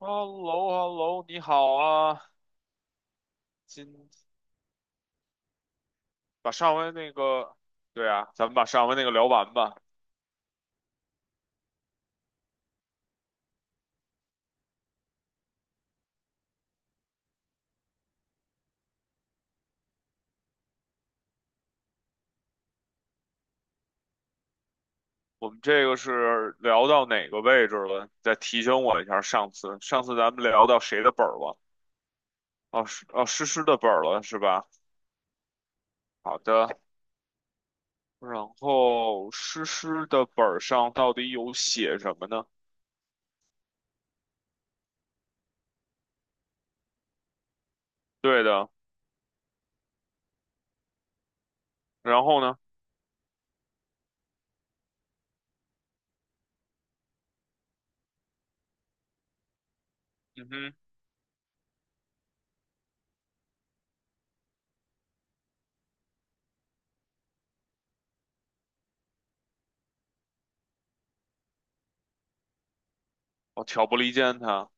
h e l l o h e l l o 你好啊！今把上回那个，对啊，咱们把上回那个聊完吧。我们这个是聊到哪个位置了？再提醒我一下，上次咱们聊到谁的本儿了？哦，是哦，诗诗的本儿了是吧？好的，然后诗诗的本儿上到底有写什么呢？对的，然后呢？嗯哼，我挑拨离间他。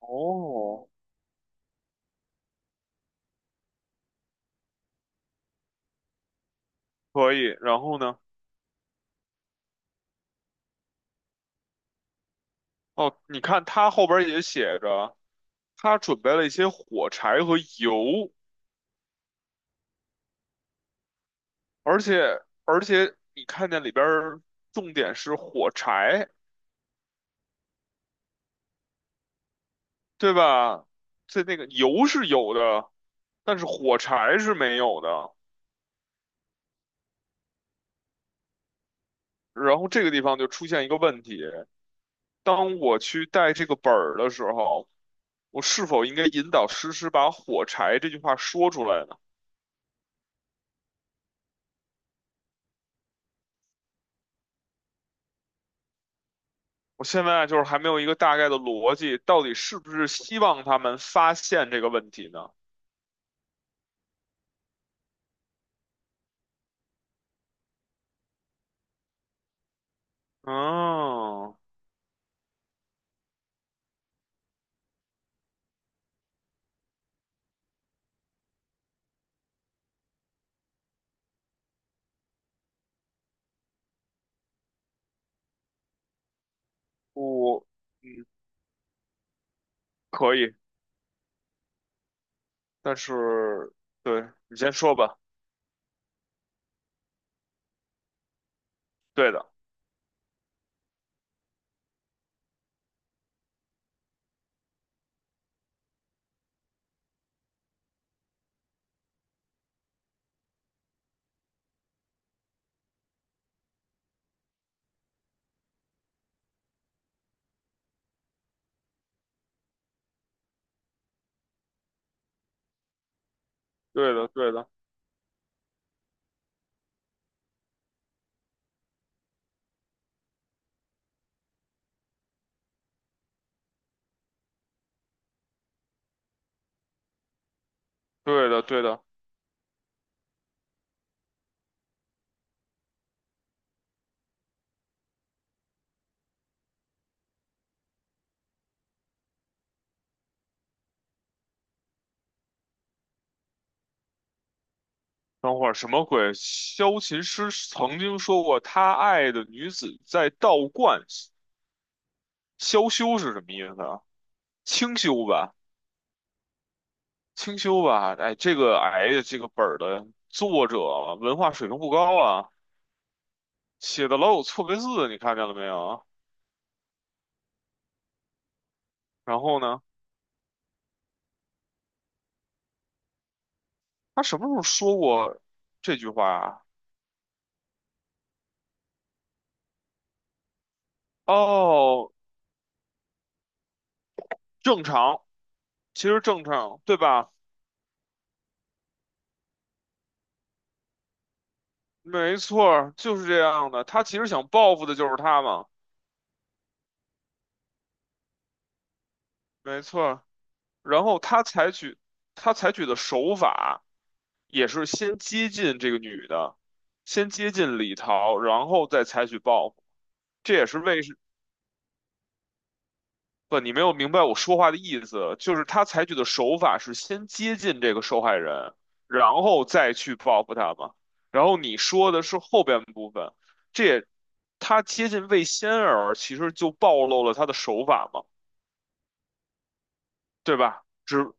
哦，可以，然后呢？哦，你看他后边也写着。他准备了一些火柴和油，而且你看见里边儿重点是火柴，对吧？这那个油是有的，但是火柴是没有的。然后这个地方就出现一个问题：当我去带这个本儿的时候，我是否应该引导诗诗把"火柴"这句话说出来呢？我现在啊就是还没有一个大概的逻辑，到底是不是希望他们发现这个问题呢？嗯。我嗯可以，但是对你先说吧。对的，对的，对的，对的，对的。等会儿什么鬼？萧琴师曾经说过，他爱的女子在道观。萧修是什么意思啊？清修吧。清修吧。哎，这个哎呀，这个本儿的作者文化水平不高啊，写的老有错别字，你看见了没有？然后呢，他什么时候说过这句话啊？哦，正常。其实正常，对吧？没错儿，就是这样的。他其实想报复的就是他嘛，没错儿。然后他采取的手法也是先接近这个女的，先接近李桃，然后再采取报复。这也是为不，你没有明白我说话的意思，就是他采取的手法是先接近这个受害人，然后再去报复他嘛。然后你说的是后边部分，这也他接近魏仙儿，其实就暴露了他的手法嘛，对吧？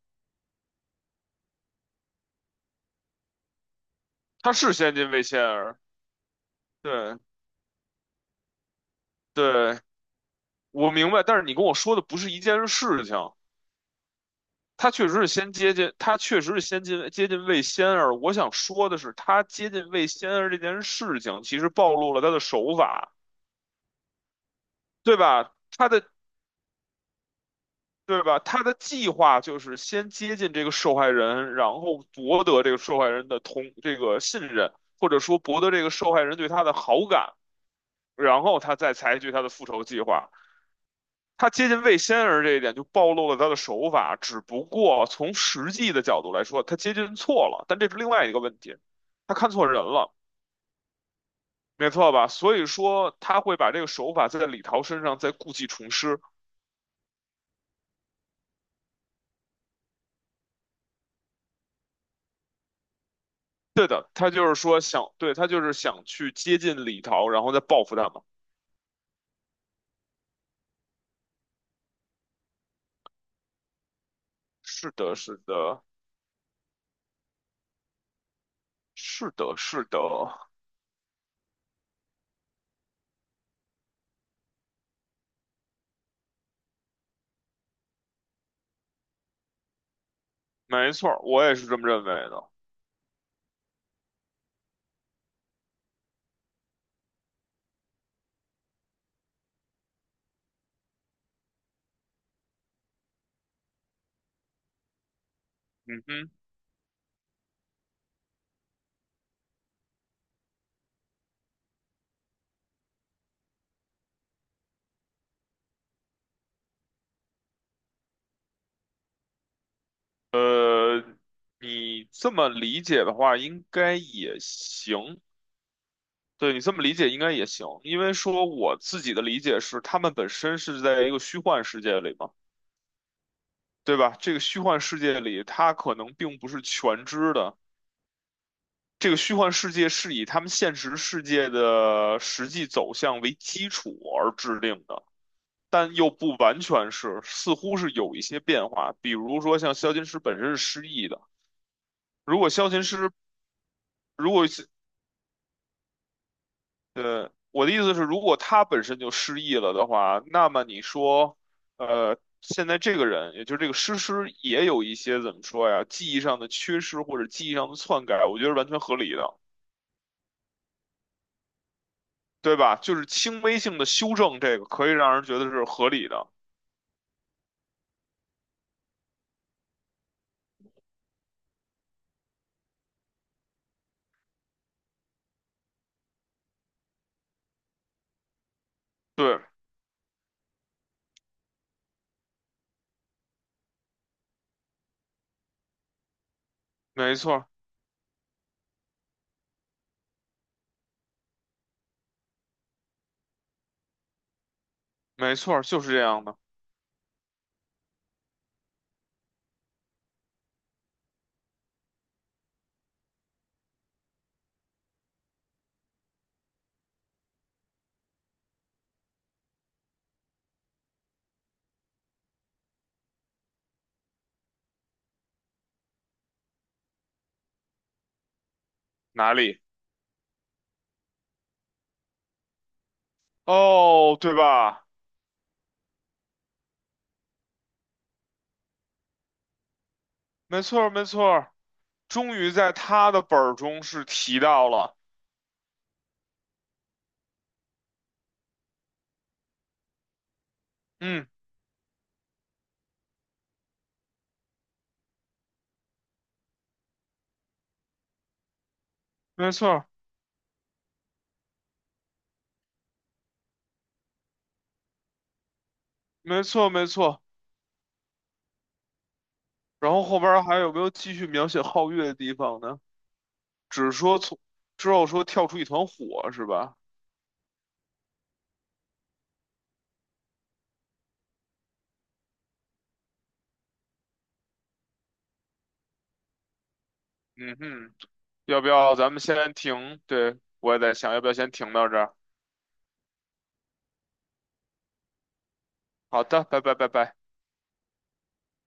他是先进魏仙儿。对对，我明白。但是你跟我说的不是一件事情，他确实是先进接近魏仙儿。我想说的是，他接近魏仙儿这件事情，其实暴露了他的手法，对吧？对吧？他的计划就是先接近这个受害人，然后博得这个受害人的这个信任，或者说博得这个受害人对他的好感，然后他再采取他的复仇计划。他接近魏仙儿这一点就暴露了他的手法，只不过从实际的角度来说，他接近错了，但这是另外一个问题，他看错人了，没错吧？所以说他会把这个手法在李桃身上再故技重施。对的，他就是说想，对，他就是想去接近李桃，然后再报复他嘛。是的，是的，是的，是的，没错儿，我也是这么认为的。嗯哼，呃，你这么理解的话，应该也行。对你这么理解应该也行，因为说我自己的理解是，他们本身是在一个虚幻世界里嘛，对吧？这个虚幻世界里，它可能并不是全知的。这个虚幻世界是以他们现实世界的实际走向为基础而制定的，但又不完全是，似乎是有一些变化。比如说，像萧琴师本身是失忆的，如果萧琴师如果对，我的意思是，如果他本身就失忆了的话，那么你说，现在这个人，也就是这个诗诗，也有一些怎么说呀，记忆上的缺失或者记忆上的篡改，我觉得是完全合理的，对吧？就是轻微性的修正，这个可以让人觉得是合理的。对，没错儿没错儿就是这样的。哪里？哦，对吧？没错儿没错儿终于在他的本儿中是提到了。嗯，没错儿没错，没错。然后后边儿还有没有继续描写皓月的地方呢？只是说之后说跳出一团火是吧？嗯哼，要不要咱们先停？对，我也在想，要不要先停到这儿？好的，拜拜拜拜。